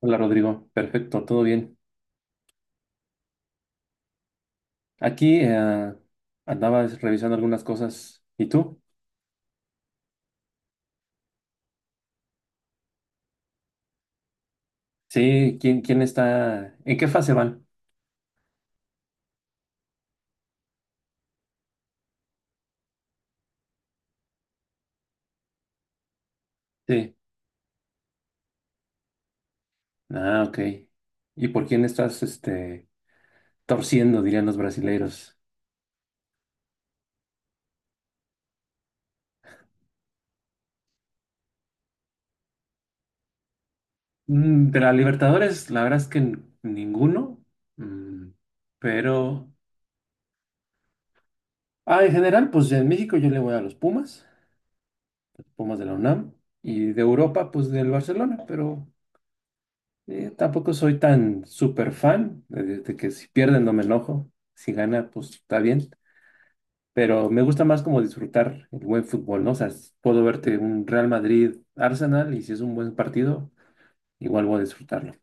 Hola Rodrigo, perfecto, todo bien. Aquí andaba revisando algunas cosas. ¿Y tú? Sí, ¿quién está? ¿En qué fase van? Sí. Ah, ok. ¿Y por quién estás torciendo, dirían los brasileiros? De la Libertadores, la verdad es que ninguno. Mm, pero. Ah, en general, pues en México yo le voy a los Pumas, Pumas de la UNAM. Y de Europa, pues del Barcelona, pero. Tampoco soy tan super fan de, que si pierden no me enojo, si gana pues está bien, pero me gusta más como disfrutar el buen fútbol, ¿no? O sea, puedo verte un Real Madrid Arsenal, y si es un buen partido, igual voy a disfrutarlo.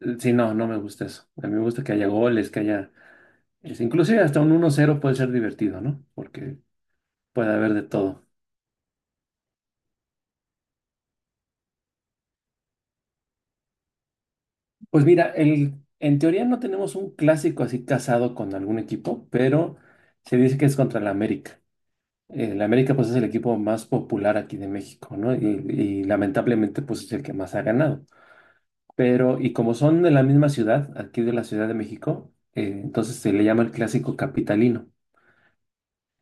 Sí, no, no me gusta eso. A mí me gusta que haya goles, que haya, inclusive hasta un 1-0 puede ser divertido, ¿no? Porque puede haber de todo. Pues mira, en teoría no tenemos un clásico así casado con algún equipo, pero se dice que es contra la América. El América pues es el equipo más popular aquí de México, ¿no? Y lamentablemente pues es el que más ha ganado. Pero y como son de la misma ciudad, aquí de la Ciudad de México, entonces se le llama el clásico capitalino,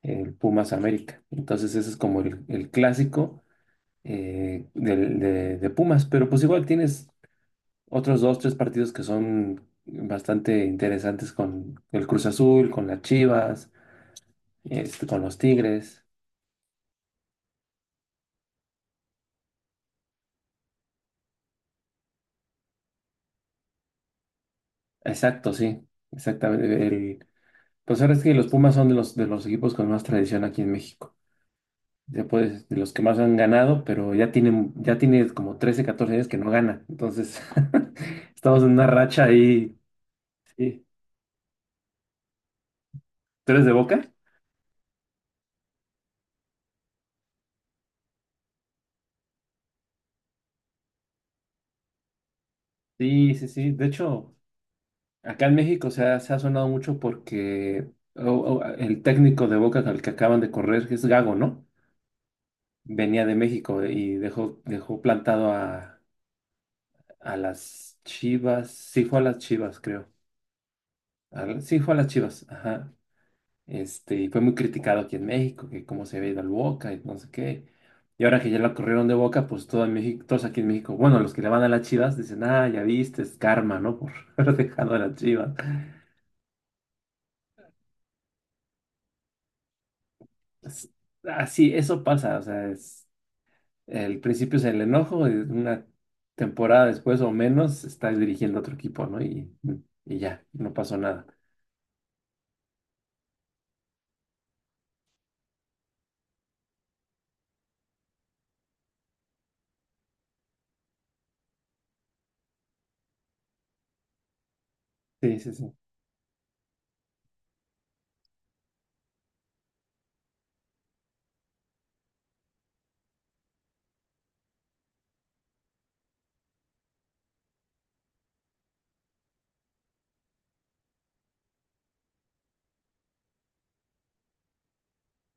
el Pumas América. Entonces ese es como el clásico de Pumas, pero pues igual tienes otros dos, tres partidos que son bastante interesantes con el Cruz Azul, con las Chivas, con los Tigres. Exacto, sí, exactamente. Pues ahora es que los Pumas son de los equipos con más tradición aquí en México. Ya puedes, de los que más han ganado, pero ya tiene como 13 14 años que no gana. Entonces, estamos en una racha ahí. Sí. ¿Tú eres de Boca? Sí, sí, sí. De hecho, acá en México se ha sonado mucho porque o- o el técnico de Boca al que acaban de correr, que es Gago, ¿no? Venía de México y dejó plantado a, las Chivas. Sí, fue a las Chivas, creo. Sí, fue a las Chivas. Ajá. Y fue muy criticado aquí en México, que cómo se había ido al Boca y no sé qué. Y ahora que ya la corrieron de Boca, pues todo en México, todos aquí en México, bueno, los que le van a las Chivas dicen, ah, ya viste, es karma, ¿no? Por haber dejado a las Chivas. Es- Así, eso pasa, o sea, el principio es el enojo, y una temporada después o menos estás dirigiendo a otro equipo, ¿no? Y ya, no pasó nada. Sí, sí, sí,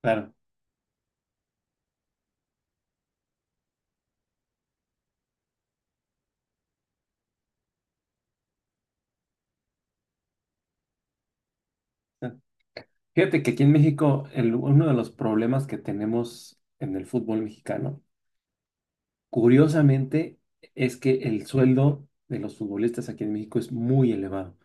claro. Fíjate que aquí en México, uno de los problemas que tenemos en el fútbol mexicano, curiosamente, es que el sueldo de los futbolistas aquí en México es muy elevado.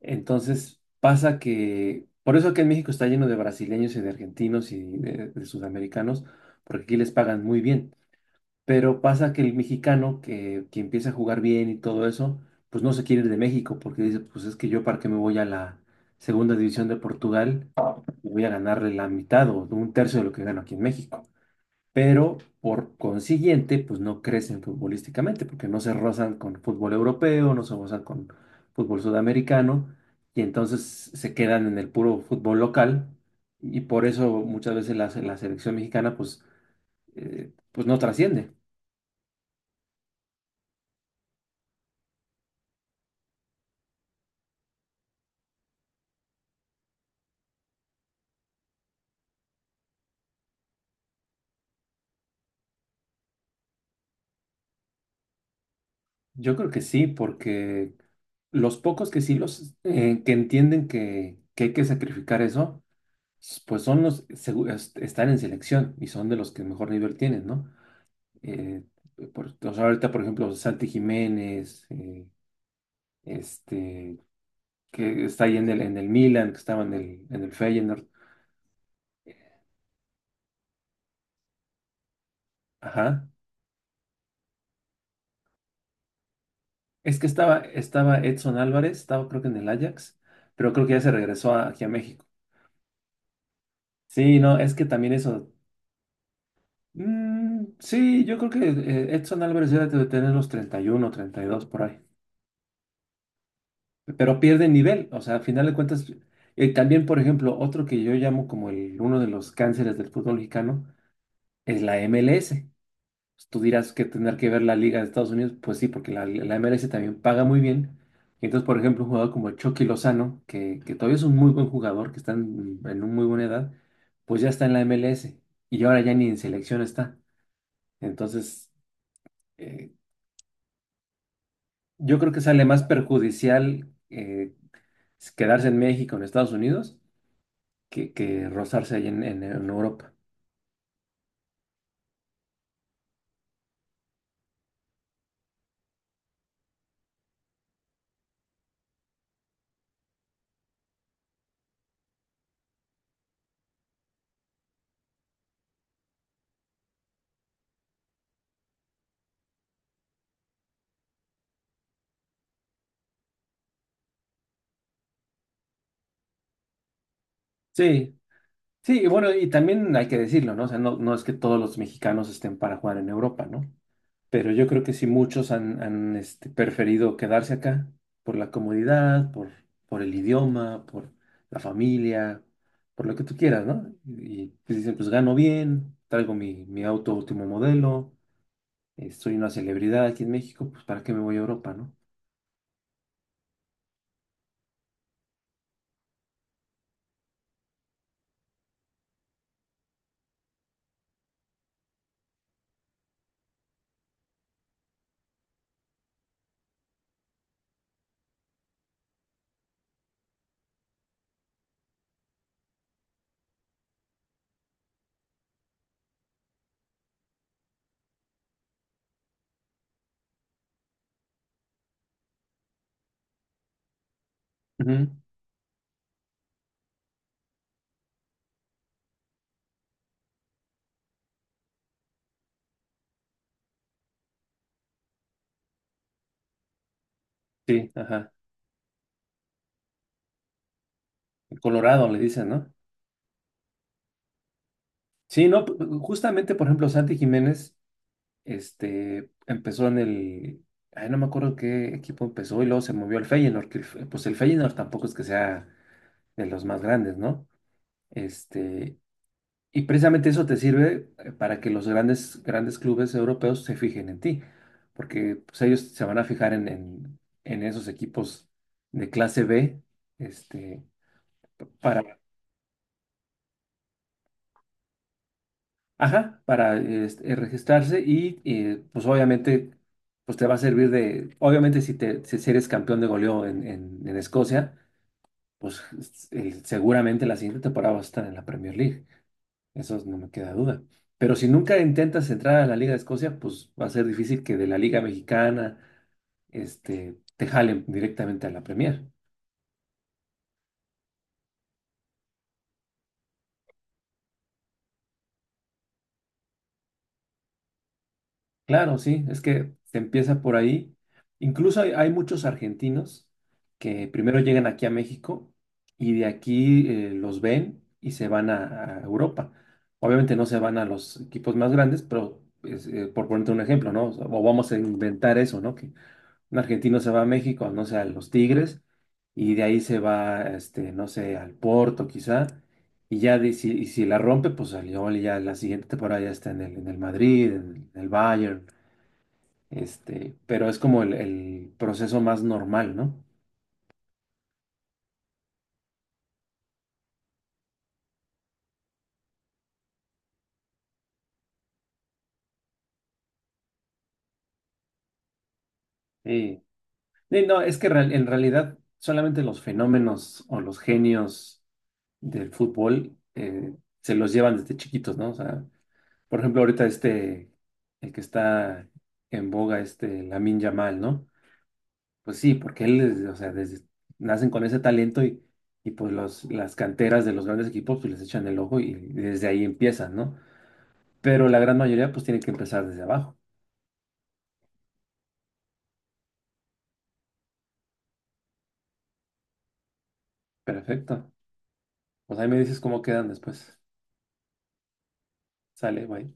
Entonces, pasa que, por eso aquí en México está lleno de brasileños y de argentinos y de sudamericanos, porque aquí les pagan muy bien. Pero pasa que el mexicano que empieza a jugar bien y todo eso, pues no se quiere ir de México porque dice, pues es que yo para qué me voy a la segunda división de Portugal, voy a ganarle la mitad o un tercio de lo que gano aquí en México, pero por consiguiente, pues no crecen futbolísticamente, porque no se rozan con fútbol europeo, no se rozan con fútbol sudamericano, y entonces se quedan en el puro fútbol local, y por eso muchas veces la selección mexicana, pues, pues no trasciende. Yo creo que sí, porque los pocos que sí los que entienden que hay que sacrificar eso, pues son están en selección y son de los que mejor nivel tienen, ¿no? eh, Ahorita, por ejemplo, Santi Jiménez, este, que está ahí en el Milan, que estaba en el Feyenoord. Ajá. Es que estaba Edson Álvarez, estaba creo que en el Ajax, pero creo que ya se regresó aquí a México. Sí, no, es que también eso. Sí, yo creo que Edson Álvarez ya debe tener los 30 31 32 por ahí. Pero pierde nivel, o sea, al final de cuentas. También, por ejemplo, otro que yo llamo como uno de los cánceres del fútbol mexicano es la MLS. Pues tú dirás que tener que ver la Liga de Estados Unidos, pues sí, porque la MLS también paga muy bien. Y entonces, por ejemplo, un jugador como Chucky Lozano, que todavía es un muy buen jugador, que está en una muy buena edad, pues ya está en la MLS y ahora ya ni en selección está. Entonces, eh, yo creo que sale más perjudicial quedarse en México, en Estados Unidos, que rozarse ahí en en Europa. Sí, sí, y bueno, y también hay que decirlo, ¿no? O sea, no, no es que todos los mexicanos estén para jugar en Europa, ¿no? Pero yo creo que sí muchos han preferido quedarse acá por la comodidad, por el idioma, por la familia, por lo que tú quieras, ¿no? Y pues dicen, pues gano bien, traigo mi auto último modelo, soy una celebridad aquí en México, pues ¿para qué me voy a Europa, no? Ujú, sí, ajá. Colorado le dicen, ¿no? Sí, no, justamente, por ejemplo, Santi Jiménez, empezó ay, no me acuerdo qué equipo empezó y luego se movió al Feyenoord, pues el Feyenoord tampoco es que sea de los más grandes, ¿no? Este, y precisamente eso te sirve para que los grandes, grandes clubes europeos se fijen en ti, porque pues, ellos se van a fijar en esos equipos de clase B, este, para, ajá, para registrarse y pues obviamente pues te va a servir de, obviamente si, te, si si eres campeón de goleo en, en Escocia, pues seguramente la siguiente temporada vas a estar en la Premier League, eso no me queda duda. Pero si nunca intentas entrar a la Liga de Escocia, pues va a ser difícil que de la Liga Mexicana te jalen directamente a la Premier. Claro, sí, es que se empieza por ahí. Incluso hay, hay muchos argentinos que primero llegan aquí a México y de aquí los ven y se van a Europa. Obviamente no se van a los equipos más grandes, pero pues, por ponerte un ejemplo, ¿no? O vamos a inventar eso, ¿no? Que un argentino se va a México, no sé, a los Tigres y de ahí se va, no sé, al Porto quizá. Y ya y si la rompe, pues salió ya la siguiente temporada ya está en el Madrid, en el Bayern. Pero es como el proceso más normal, ¿no? Sí. Sí, no, es que en realidad solamente los fenómenos o los genios del fútbol se los llevan desde chiquitos, ¿no? O sea, por ejemplo, ahorita el que está en boga, este Lamine Yamal, ¿no? Pues sí, porque o sea, nacen con ese talento y, pues las canteras de los grandes equipos pues les echan el ojo y desde ahí empiezan, ¿no? Pero la gran mayoría pues tiene que empezar desde abajo. Perfecto. Pues ahí me dices cómo quedan después. Sale, bye.